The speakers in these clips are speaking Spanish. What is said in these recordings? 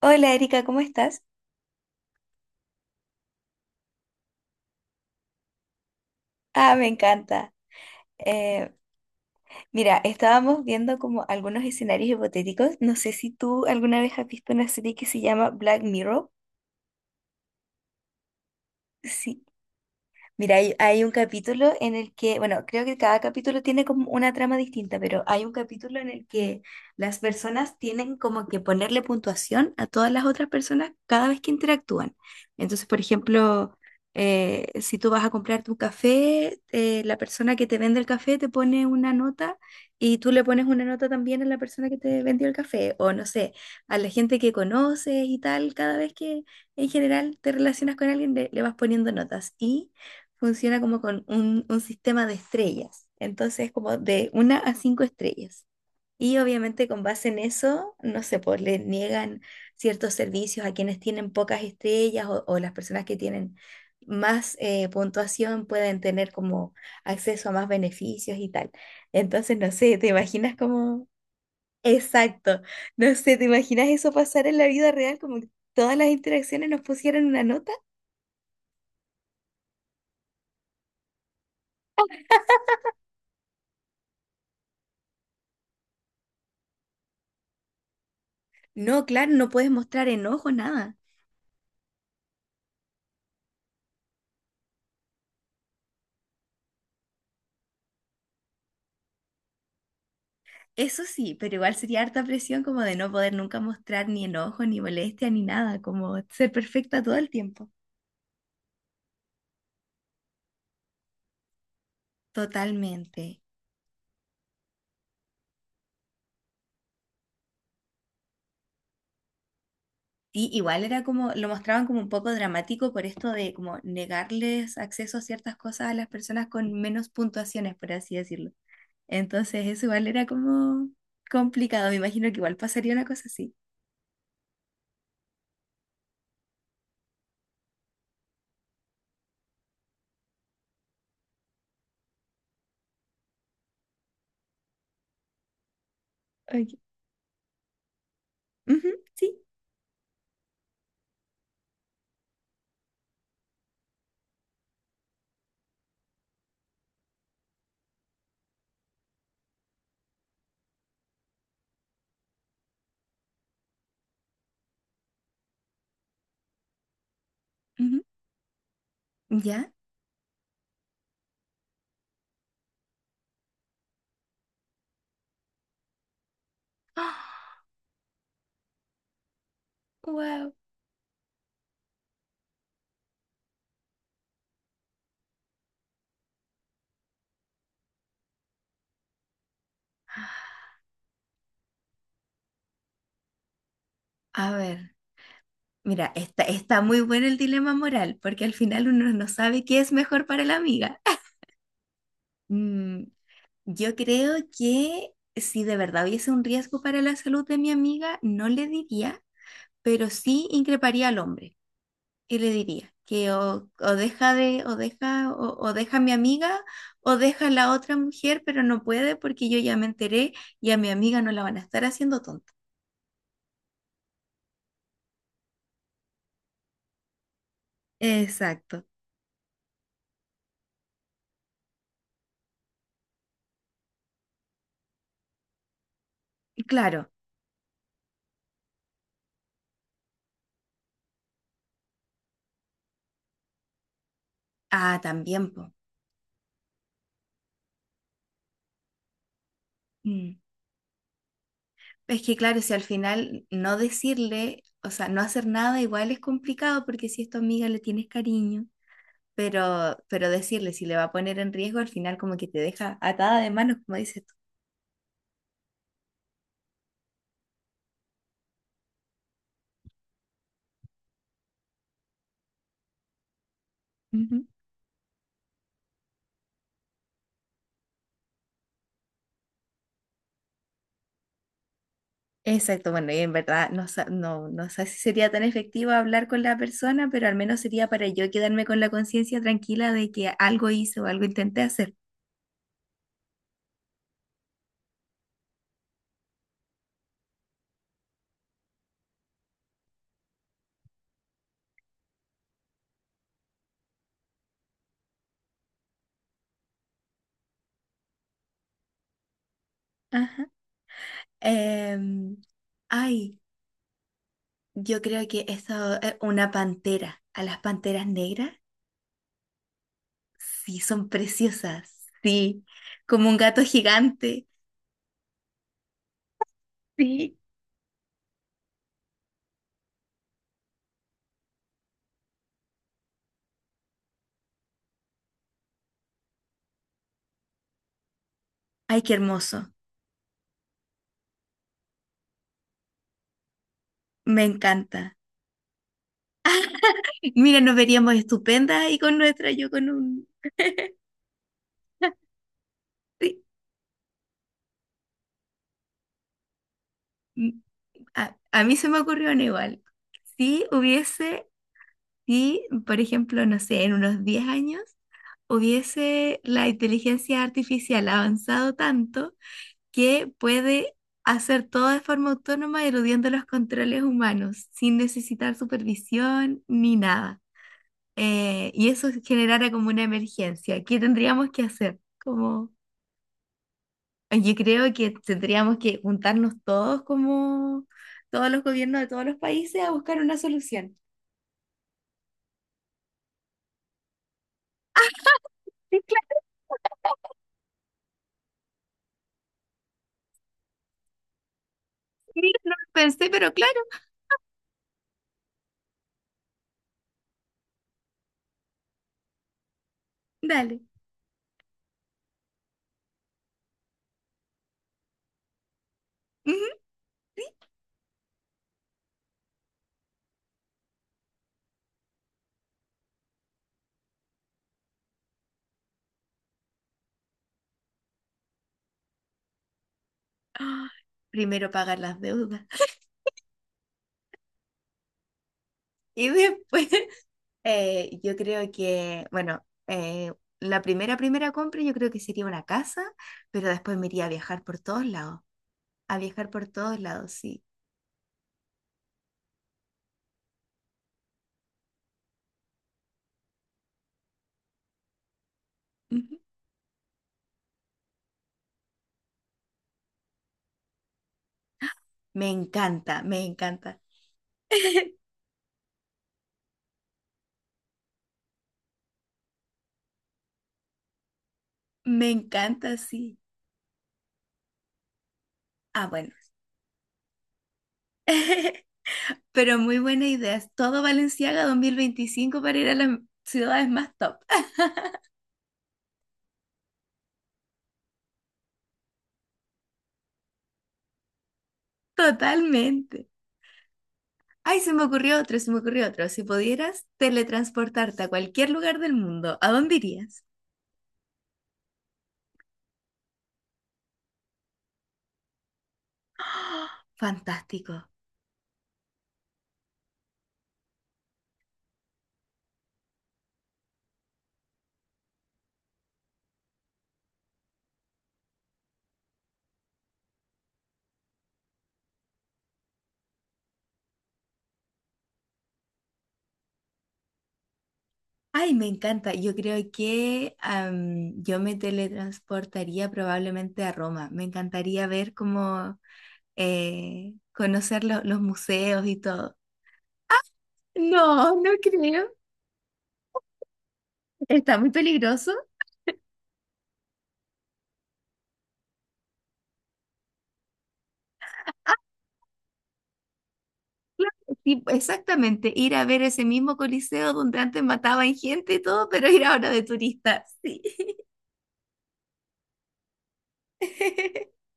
Hola Erika, ¿cómo estás? Ah, me encanta. Eh, mira, estábamos viendo como algunos escenarios hipotéticos. No sé si tú alguna vez has visto una serie que se llama Black Mirror. Sí, mira, hay un capítulo en el que, bueno, creo que cada capítulo tiene como una trama distinta, pero hay un capítulo en el que las personas tienen como que ponerle puntuación a todas las otras personas cada vez que interactúan. Entonces, por ejemplo, si tú vas a comprar tu café, la persona que te vende el café te pone una nota y tú le pones una nota también a la persona que te vendió el café, o no sé, a la gente que conoces y tal, cada vez que en general te relacionas con alguien le vas poniendo notas. Y funciona como con un sistema de estrellas, entonces como de una a cinco estrellas. Y obviamente con base en eso, no sé, pues le niegan ciertos servicios a quienes tienen pocas estrellas o las personas que tienen más puntuación pueden tener como acceso a más beneficios y tal. Entonces, no sé, ¿te imaginas como... Exacto, no sé, ¿te imaginas eso pasar en la vida real como que todas las interacciones nos pusieran una nota? No, claro, no puedes mostrar enojo, nada. Eso sí, pero igual sería harta presión como de no poder nunca mostrar ni enojo, ni molestia, ni nada, como ser perfecta todo el tiempo. Totalmente. Y igual era como, lo mostraban como un poco dramático por esto de como negarles acceso a ciertas cosas a las personas con menos puntuaciones, por así decirlo. Entonces eso igual era como complicado, me imagino que igual pasaría una cosa así. Ok. Ujú, sí, ujú, ya. Wow. A ver. Mira, está muy bueno el dilema moral, porque al final uno no sabe qué es mejor para la amiga. Mm, yo creo que si de verdad hubiese un riesgo para la salud de mi amiga, no le diría, pero sí increparía al hombre y le diría que o deja a mi amiga, o deja a la otra mujer, pero no puede porque yo ya me enteré y a mi amiga no la van a estar haciendo tonta. Exacto. Claro. Ah, también, po. Mm. Es que claro, si al final no decirle, o sea, no hacer nada igual es complicado porque si es tu amiga le tienes cariño, pero decirle si le va a poner en riesgo, al final como que te deja atada de manos, como dices tú. Ujú. Exacto, bueno, y en verdad no sé si sería tan efectivo hablar con la persona, pero al menos sería para yo quedarme con la conciencia tranquila de que algo hice o algo intenté hacer. Ajá. Em, ay, yo creo que esto es una pantera, a las panteras negras. Sí, son preciosas. Sí, como un gato gigante. Sí. Ay, qué hermoso. Me encanta. Mira, nos veríamos estupendas ahí con nuestra, yo con un... sí. mm, a mí se me ocurrió una igual. Si hubiese, si, por ejemplo, no sé, en unos 10 años, hubiese la inteligencia artificial avanzado tanto que puede hacer todo de forma autónoma, eludiendo los controles humanos, sin necesitar supervisión ni nada. Y eso generara como una emergencia, ¿qué tendríamos que hacer? Como, yo creo que tendríamos que juntarnos todos como todos los gobiernos de todos los países a buscar una solución. Sí, claro, sí, no lo pensé, pero claro, dale. Ujú. Ah, primero pagar las deudas. Y después, yo creo que, bueno, la primera compra yo creo que sería una casa, pero después me iría a viajar por todos lados, a viajar por todos lados, sí. Me encanta, me encanta. Me encanta, sí. Ah, bueno. Pero muy buena idea. Es Todo Valenciaga 2025 para ir a las ciudades más top. Totalmente. Ay, se me ocurrió otro, se me ocurrió otro. Si pudieras teletransportarte a cualquier lugar del mundo, ¿a dónde irías? Fantástico. Ay, me encanta. Yo creo que yo me teletransportaría probablemente a Roma. Me encantaría ver cómo conocer los museos y todo. No, no creo. Está muy peligroso. Ah, claro, sí, exactamente. Ir a ver ese mismo coliseo donde antes mataban gente y todo, pero ir ahora de turista. Sí.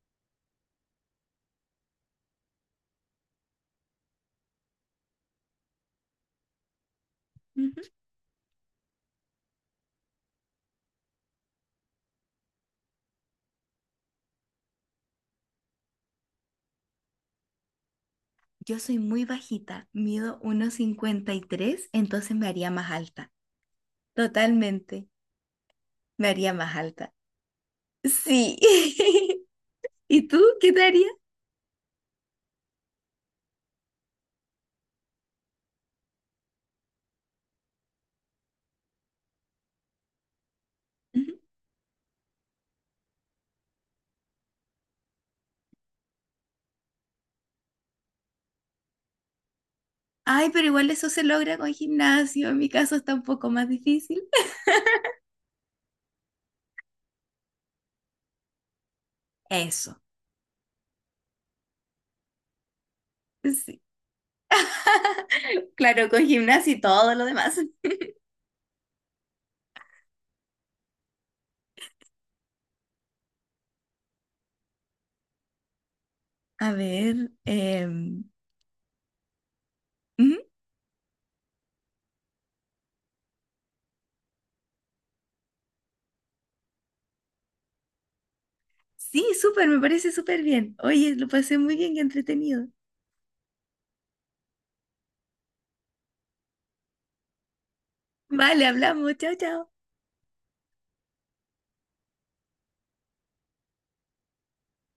Ujú. Yo soy muy bajita, mido 1,53, entonces me haría más alta. Totalmente, me haría más alta. Sí. ¿Y tú qué te harías? Ujú. Ay, pero igual eso se logra con gimnasio. En mi caso está un poco más difícil. Eso. Sí. Claro, con gimnasia y todo lo demás. A ver, ujú. Sí, súper, me parece súper bien. Oye, lo pasé muy bien, qué entretenido. Vale, hablamos, chao, chao.